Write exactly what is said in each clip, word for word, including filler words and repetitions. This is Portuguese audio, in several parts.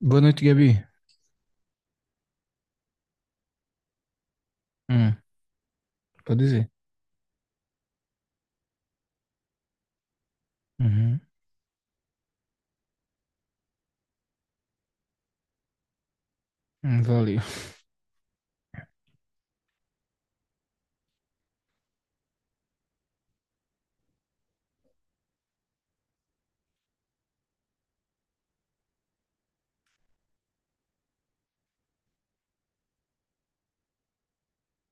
Boa noite, Gabi. Hum. Pode dizer. Uhum. Hum, valeu.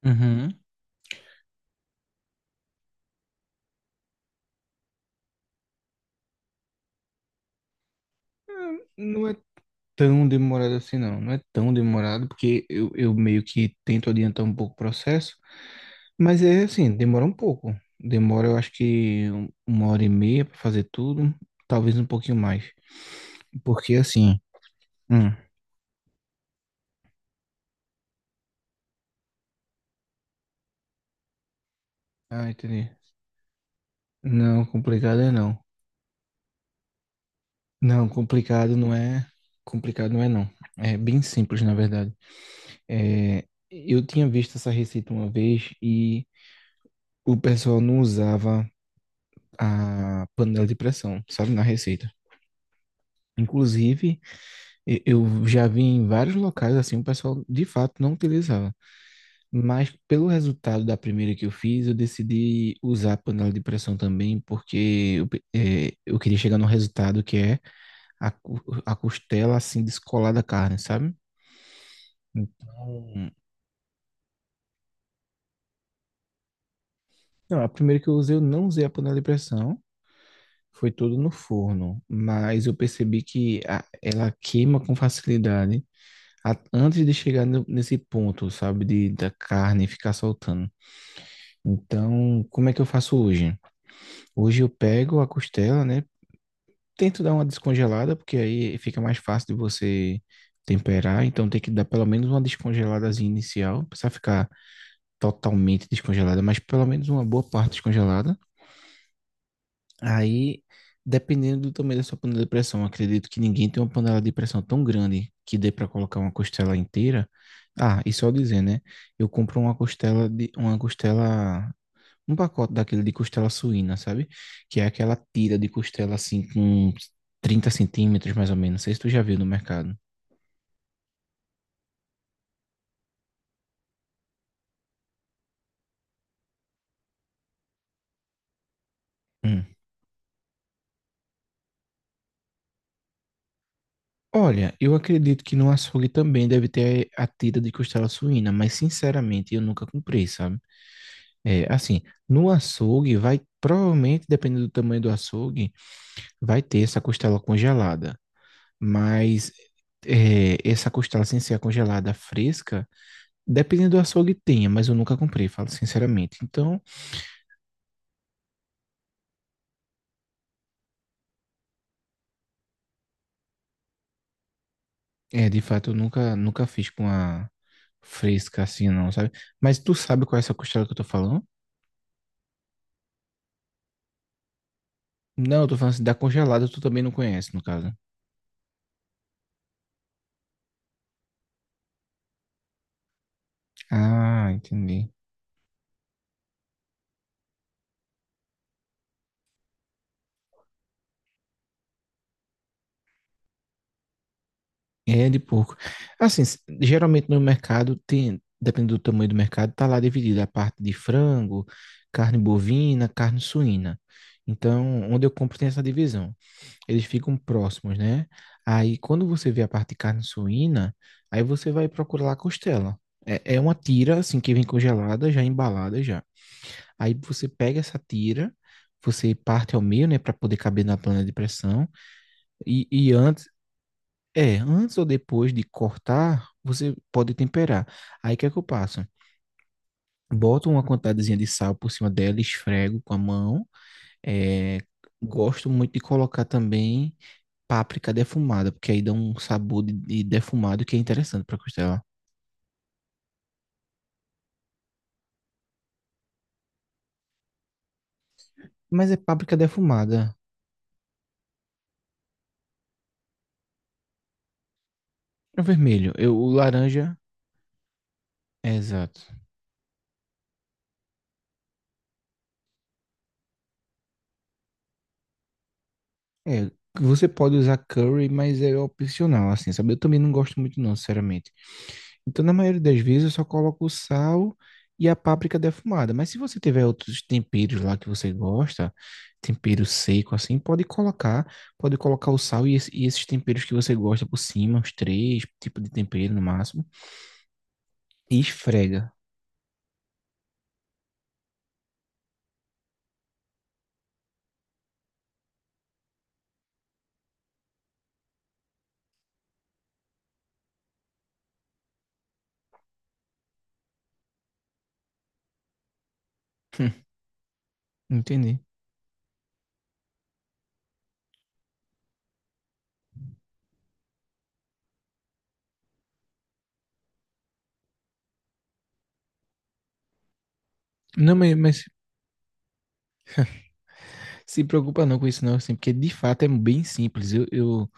Uhum. Hum, Não é tão demorado assim, não. Não é tão demorado, porque eu, eu meio que tento adiantar um pouco o processo, mas é assim, demora um pouco. Demora, eu acho que um- uma hora e meia para fazer tudo, talvez um pouquinho mais. Porque assim. Hum. Ah, entendi. Não, complicado é não. Não, complicado não é. Complicado não é não. É bem simples, na verdade. É, eu tinha visto essa receita uma vez e o pessoal não usava a panela de pressão, sabe, na receita. Inclusive, e- eu já vi em vários locais assim, o pessoal de fato não utilizava. Mas pelo resultado da primeira que eu fiz, eu decidi usar a panela de pressão também, porque eu, pe- é, eu queria chegar no resultado que é a, cu- a costela assim descolar da carne, sabe? Então, não, a primeira que eu usei, eu não usei a panela de pressão. Foi tudo no forno, mas eu percebi que a- ela queima com facilidade a- antes de chegar no- nesse ponto, sabe, de, da carne ficar soltando. Então, como é que eu faço hoje? Hoje eu pego a costela, né? Tento dar uma descongelada, porque aí fica mais fácil de você temperar. Então, tem que dar pelo menos uma descongeladazinha inicial. Não precisa ficar totalmente descongelada, mas pelo menos uma boa parte descongelada. Aí, dependendo do tamanho da sua panela de pressão, acredito que ninguém tem uma panela de pressão tão grande que dê para colocar uma costela inteira. Ah, e só dizer, né? Eu compro uma costela de uma costela, um pacote daquele de costela suína, sabe? Que é aquela tira de costela assim com trinta centímetros mais ou menos. Não sei se tu já viu no mercado. Hum. Olha, eu acredito que no açougue também deve ter a tira de costela suína, mas sinceramente eu nunca comprei, sabe? É, assim, no açougue vai, provavelmente, dependendo do tamanho do açougue, vai ter essa costela congelada. Mas é, essa costela sem ser a congelada fresca, dependendo do açougue tenha, mas eu nunca comprei, falo sinceramente. Então, é, de fato, eu nunca, nunca fiz com a fresca assim, não, sabe? Mas tu sabe qual é essa costela que eu tô falando? Não, eu tô falando assim, da congelada tu também não conhece, no caso. Ah, entendi. É de porco. Assim, s- geralmente no mercado tem, dependendo do tamanho do mercado, tá lá dividida a parte de frango, carne bovina, carne suína. Então, onde eu compro tem essa divisão. Eles ficam próximos, né? Aí, quando você vê a parte de carne suína, aí você vai procurar lá a costela. É, é uma tira, assim, que vem congelada, já embalada já. Aí você pega essa tira, você parte ao meio, né, para poder caber na panela de pressão. E, e antes, é, antes ou depois de cortar, você pode temperar. Aí o que é que eu passo? Boto uma quantidadezinha de sal por cima dela, esfrego com a mão. É, gosto muito de colocar também páprica defumada, porque aí dá um sabor de, de defumado que é interessante para costela. Mas é páprica defumada. É vermelho. Eu, o laranja. É, exato. É, você pode usar curry, mas é opcional, assim, sabe? Eu também não gosto muito, não, sinceramente. Então, na maioria das vezes, eu só coloco o sal e a páprica defumada. Mas se você tiver outros temperos lá que você gosta, tempero seco assim, pode colocar. Pode colocar o sal e, esse- e esses temperos que você gosta por cima, uns três tipos de tempero no máximo. E esfrega. Hum, Entendi. Não, mas, mas se preocupa não com isso não, assim, porque de fato é bem simples. Eu, eu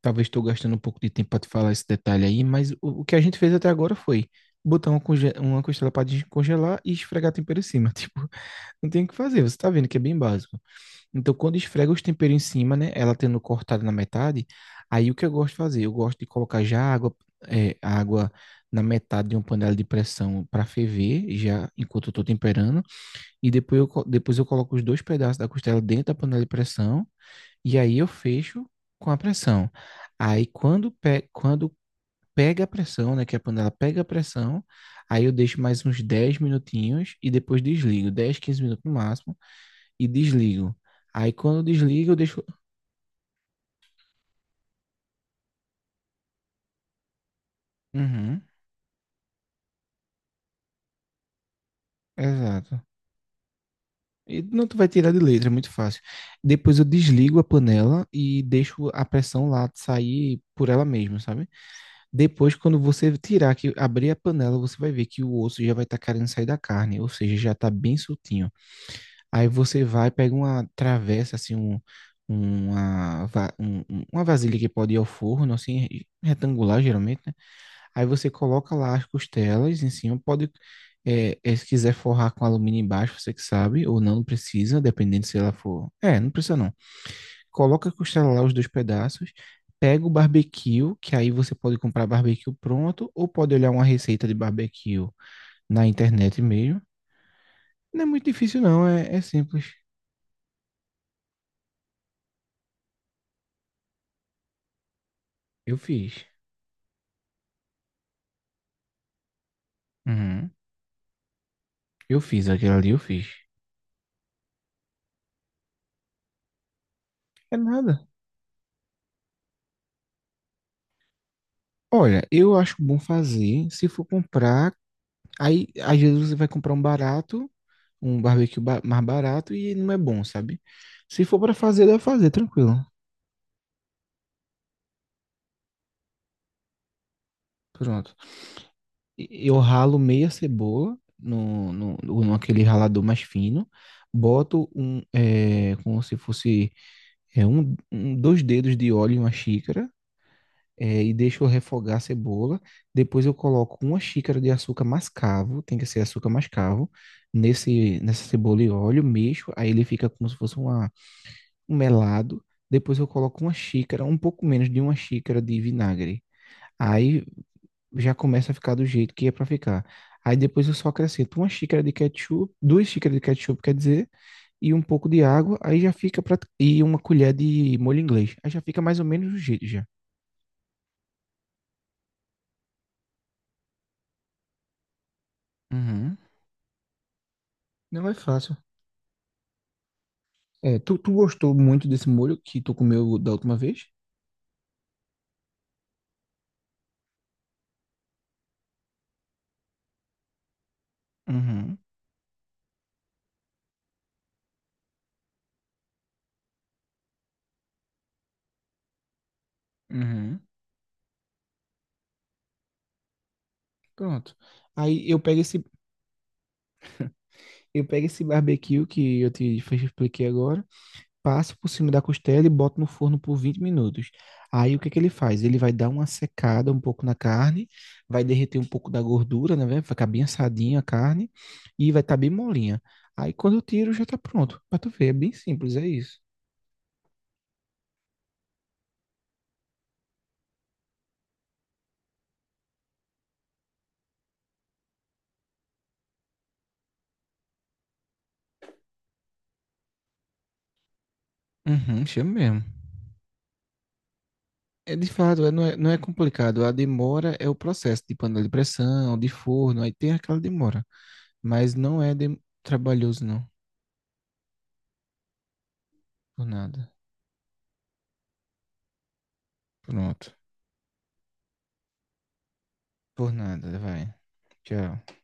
Talvez estou gastando um pouco de tempo para te falar esse detalhe aí, mas o, o que a gente fez até agora foi botar uma, conge- uma costela para descongelar e esfregar tempero em cima. Tipo, não tem o que fazer, você tá vendo que é bem básico. Então, quando esfrega os temperos em cima, né, ela tendo cortado na metade, aí o que eu gosto de fazer? Eu gosto de colocar já água, é, água na metade de uma panela de pressão para ferver, já enquanto eu tô temperando, e depois eu, co- depois eu coloco os dois pedaços da costela dentro da panela de pressão e aí eu fecho com a pressão. Aí quando, pe quando pega a pressão, né, que a panela pega a pressão, aí eu deixo mais uns dez minutinhos e depois desligo, dez, quinze minutos no máximo, e desligo. Aí quando desligo, eu deixo. Uhum, exato. E não tu vai tirar de letra, é muito fácil. Depois eu desligo a panela e deixo a pressão lá sair por ela mesma, sabe? Depois, quando você tirar, que abrir a panela, você vai ver que o osso já vai estar querendo sair da carne, ou seja, já está bem soltinho. Aí você vai, pega uma travessa, assim, um, uma, va- um- um- uma vasilha que pode ir ao forno, assim, re- retangular geralmente, né? Aí você coloca lá as costelas em cima, pode, é, é, se quiser forrar com alumínio embaixo, você que sabe, ou não, não precisa, dependendo se ela for. É, não precisa não. Coloca a costela lá, os dois pedaços, pega o barbecue, que aí você pode comprar barbecue pronto, ou pode olhar uma receita de barbecue na internet mesmo. Não é muito difícil não, é é simples. Eu fiz. Uhum. Eu fiz aquilo ali, eu fiz. É nada. Olha, eu acho bom fazer se for comprar. Aí, às vezes, você vai comprar um barato, um barbecue ba- mais barato e não é bom, sabe? Se for para fazer, dá pra fazer, tranquilo. Pronto. E- Eu ralo meia cebola no, no, no, naquele ralador mais fino. Boto um, é, como se fosse é, um, um- dois dedos de óleo em uma xícara. é, e deixo refogar a cebola. Depois eu coloco uma xícara de açúcar mascavo, tem que ser açúcar mascavo, nesse, nessa cebola e óleo, mexo, aí ele fica como se fosse uma, um melado. Depois eu coloco uma xícara, um pouco menos de uma xícara de vinagre. Aí já começa a ficar do jeito que é para ficar. Aí depois eu só acrescento uma xícara de ketchup, duas xícaras de ketchup, quer dizer, e um pouco de água, aí já fica pra. E uma colher de molho inglês. Aí já fica mais ou menos do jeito já. Uhum. Não é fácil. É, tu, tu gostou muito desse molho que tu comeu da última vez? Uhum, uhum. Pronto. Aí eu pego esse, eu pego esse barbecue que eu te fe- expliquei agora, passo por cima da costela e boto no forno por vinte minutos. Aí o que que ele faz? Ele vai dar uma secada um pouco na carne, vai derreter um pouco da gordura, né? Velho? Vai ficar bem assadinha a carne e vai estar bem molinha. Aí quando eu tiro já tá pronto. Pra tu ver, é bem simples, é isso. Uhum, chama mesmo. É de fato, é- não é, não é complicado. A demora é o processo de panela de pressão, de forno, aí tem aquela demora. Mas não é de- trabalhoso, não. Por nada. Pronto. Por nada, vai. Tchau.